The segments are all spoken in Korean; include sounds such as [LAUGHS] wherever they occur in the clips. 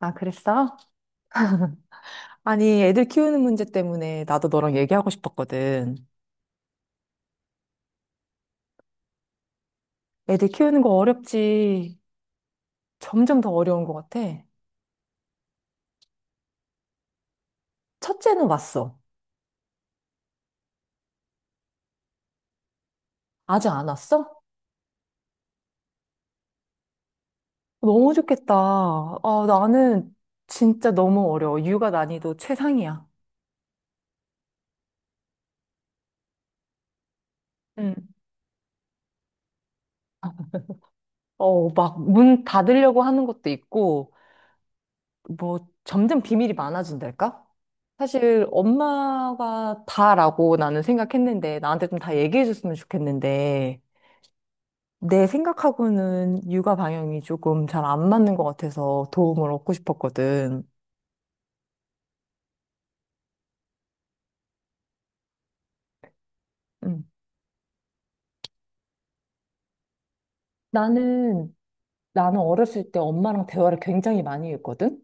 아, 그랬어? 아니, 애들 키우는 문제 때문에 나도 너랑 얘기하고 싶었거든. 애들 키우는 거 어렵지. 점점 더 어려운 것 같아. 첫째는 왔어. 아직 안 왔어? 너무 좋겠다. 아, 나는 진짜 너무 어려워. 육아 난이도 최상이야. 응. 막 문 닫으려고 하는 것도 있고, 뭐 점점 비밀이 많아진달까? 사실 엄마가 다라고 나는 생각했는데, 나한테 좀 다 얘기해줬으면 좋겠는데, 내 생각하고는 육아 방향이 조금 잘 안 맞는 것 같아서 도움을 얻고 싶었거든. 음. 나는, 나는 어렸을 때 엄마랑 대화를 굉장히 많이 했거든?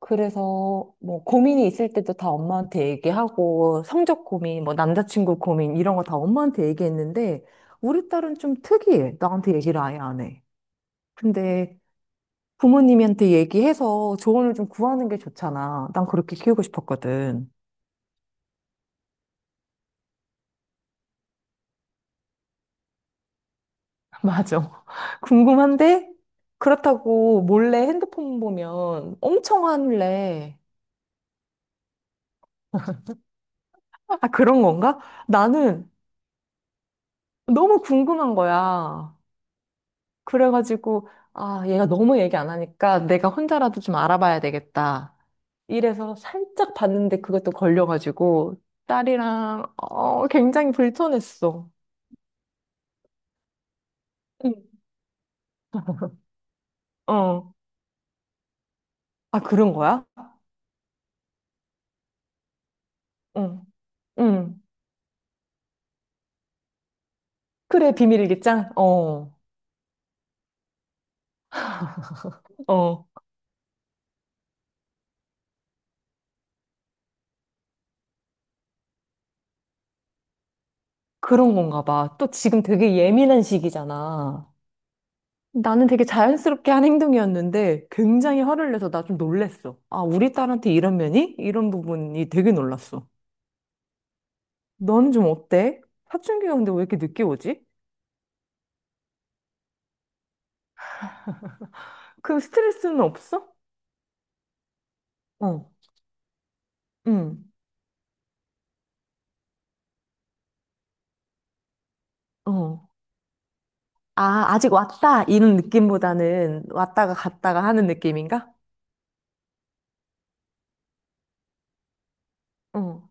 그래서 뭐 고민이 있을 때도 다 엄마한테 얘기하고 성적 고민, 뭐 남자친구 고민 이런 거 다 엄마한테 얘기했는데 우리 딸은 좀 특이해. 나한테 얘기를 아예 안 해. 근데 부모님한테 얘기해서 조언을 좀 구하는 게 좋잖아. 난 그렇게 키우고 싶었거든. 맞아. [LAUGHS] 궁금한데 그렇다고 몰래 핸드폰 보면 엄청 화낼래. 아, 그런 건가? 나는 너무 궁금한 거야. 그래가지고 아, 얘가 너무 얘기 안 하니까 내가 혼자라도 좀 알아봐야 되겠다. 이래서 살짝 봤는데 그것도 걸려가지고 딸이랑 굉장히 불편했어. 응. 어. 아, 그런 거야? 응. 응. 그래, 비밀일기장? 어. 어. 그런 건가 봐. 또 지금 되게 예민한 시기잖아. 나는 되게 자연스럽게 한 행동이었는데 굉장히 화를 내서 나 좀 놀랬어. 아, 우리 딸한테 이런 면이? 이런 부분이 되게 놀랐어. 너는 좀 어때? 사춘기가 근데 왜 이렇게 늦게 오지? 그 스트레스는 없어? 어, 응, 어. 아, 아직 왔다 이런 느낌보다는 왔다가 갔다가 하는 느낌인가? 어,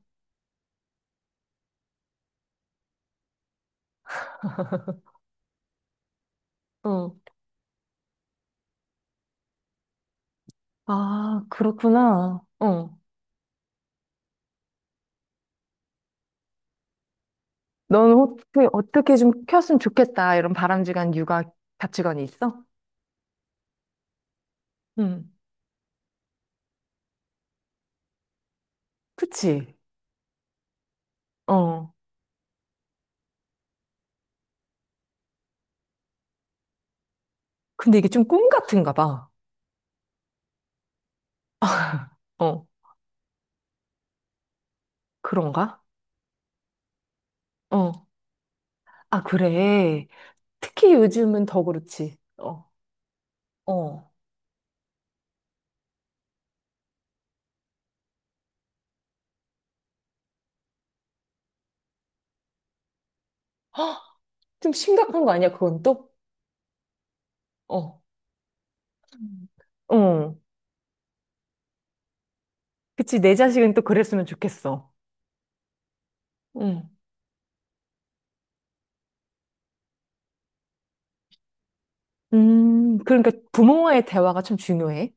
어. 아, 그렇구나. 어. 넌 어떻게, 어떻게 좀 켰으면 좋겠다. 이런 바람직한 육아 가치관이 있어? 응. 그치? 어. 근데 이게 좀 꿈 같은가 봐. 어. 그런가? 어. 아, 그래. 특히 요즘은 더 그렇지. 어. 어. [GASPS] 헉, 좀 심각한 거 아니야, 그건 또? 어. 음. 어. 그치, 내 자식은 또 그랬으면 좋겠어. 응. 그러니까 부모와의 대화가 참 중요해.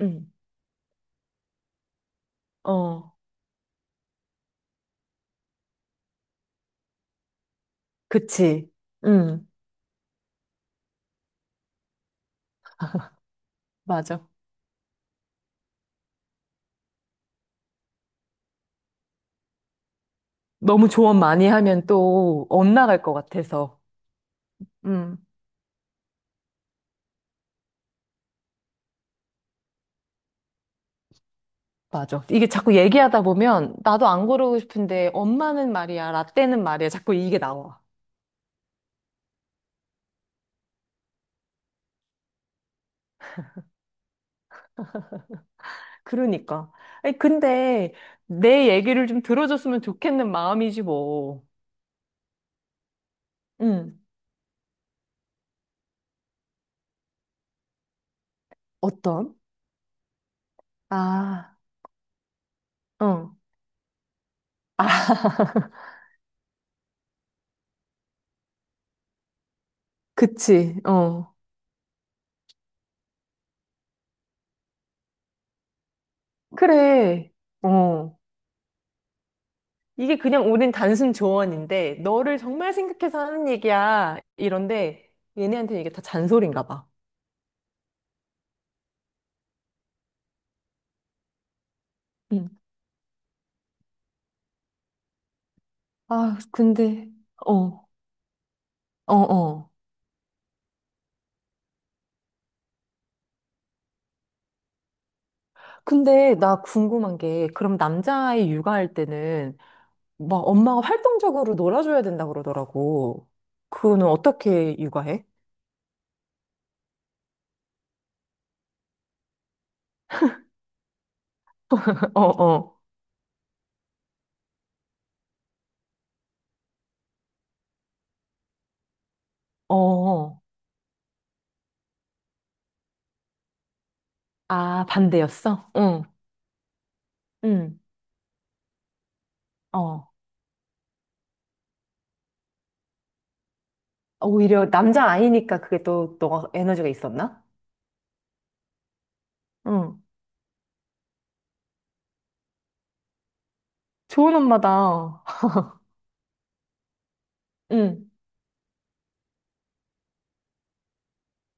응. 어. 그치. 응. 맞아. 너무 조언 많이 하면 또 엇나갈 것 같아서. 음, 맞아. 이게 자꾸 얘기하다 보면 나도 안 고르고 싶은데 엄마는 말이야, 라떼는 말이야. 자꾸 이게 나와. 그러니까. 아니, 근데 내 얘기를 좀 들어줬으면 좋겠는 마음이지 뭐. 음. 어떤? 아, 어. 아, 그치. 어. 그래. 어. 이게 그냥 우린 단순 조언인데 너를 정말 생각해서 하는 얘기야. 이런데 얘네한테 이게 다 잔소리인가 봐. 아, 근데, 어, 어, 어. 근데 나 궁금한 게, 그럼 남자아이 육아할 때는 막 엄마가 활동적으로 놀아줘야 된다 그러더라고. 그거는 어떻게 육아해? [LAUGHS] 어, 어, 어. 어. 아, 반대였어? 응, 응, 어. 오히려 남자아이니까 그게 또 너가 에너지가 있었나? 응. 좋은 엄마다. [LAUGHS] 응.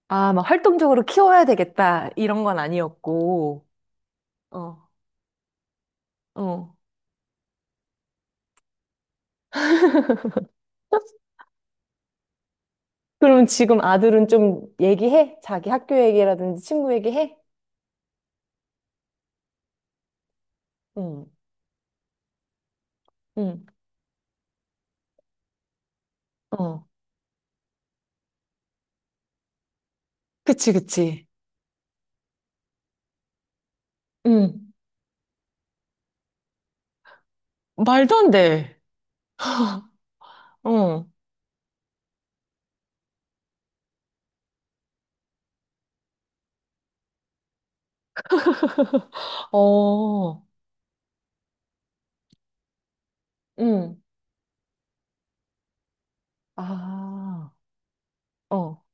아, 막 활동적으로 키워야 되겠다. 이런 건 아니었고. 어, 어. 그럼 지금 아들은 좀 얘기해? 자기 학교 얘기라든지 친구 얘기해? 응, 응, 어. 그치, 그치. 응. 말도 안 돼. 응. 어, 응. 아, 어.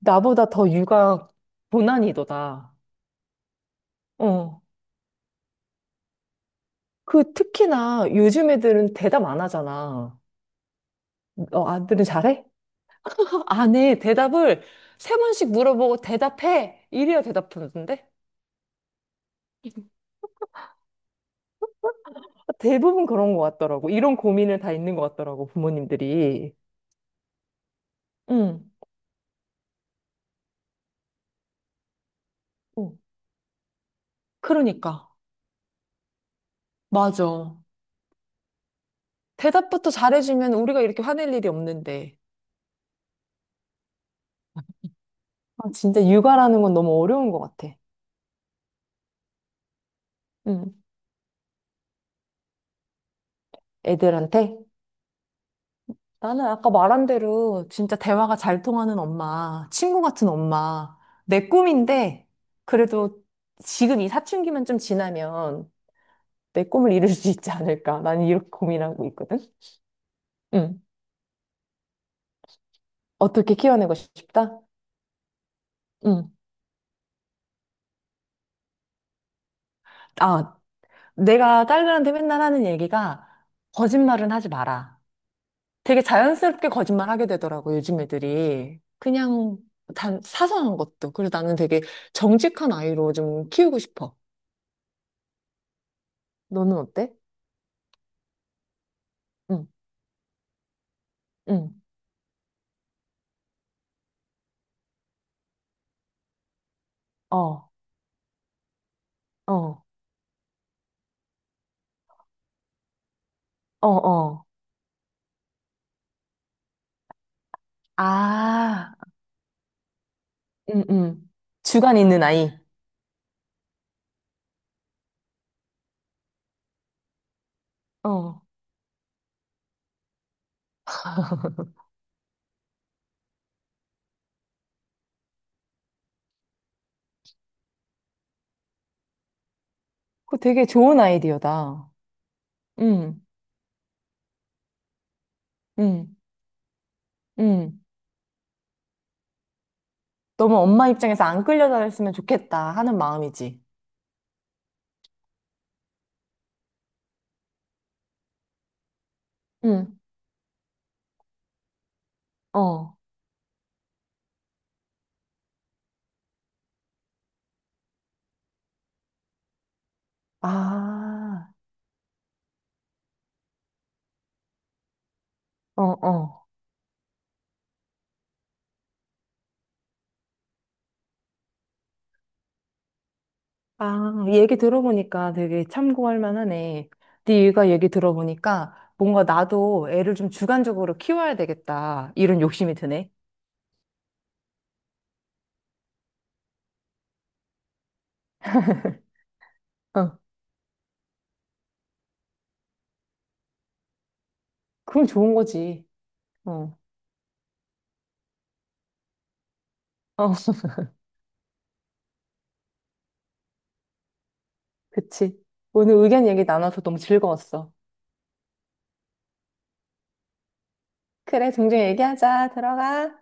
나보다 더 육아 고난이도다. 어. 그 특히나 요즘 애들은 대답 안 하잖아. 어, 아들은 잘해? 안 해. 대답을 세 번씩 물어보고 대답해. 이래야 대답하는데? 대부분 그런 것 같더라고. 이런 고민을 다 있는 것 같더라고, 부모님들이. 응, 응. 그러니까. 맞아. 대답부터 잘해주면 우리가 이렇게 화낼 일이 없는데. 아, 진짜 육아라는 건 너무 어려운 것 같아. 응. 애들한테. 나는 아까 말한 대로 진짜 대화가 잘 통하는 엄마, 친구 같은 엄마, 내 꿈인데, 그래도 지금 이 사춘기만 좀 지나면 내 꿈을 이룰 수 있지 않을까. 난 이렇게 고민하고 있거든. 응, 어떻게 키워내고 싶다? 응 아, 내가 딸들한테 맨날 하는 얘기가 거짓말은 하지 마라. 되게 자연스럽게 거짓말하게 되더라고, 요즘 애들이. 그냥 단 사소한 것도. 그래서 나는 되게 정직한 아이로 좀 키우고 싶어. 너는 어때? 응, 응. 어, 어, 어, 어. 아, 응, 응. 주관 있는 아이. 어. 그거 되게 좋은 아이디어다. 응, 응, 응. 너무 엄마 입장에서 안 끌려다녔으면 좋겠다 하는 마음이지. 응, 어. 아, 어, 어. 아, 얘기 들어보니까 되게 참고할 만하네. 네가 얘기 들어보니까 뭔가 나도 애를 좀 주관적으로 키워야 되겠다. 이런 욕심이 드네. 어, 그럼 좋은 거지. 어, 어, [LAUGHS] 그치. 오늘 의견 얘기 나눠서 너무 즐거웠어. 그래, 종종 얘기하자. 들어가.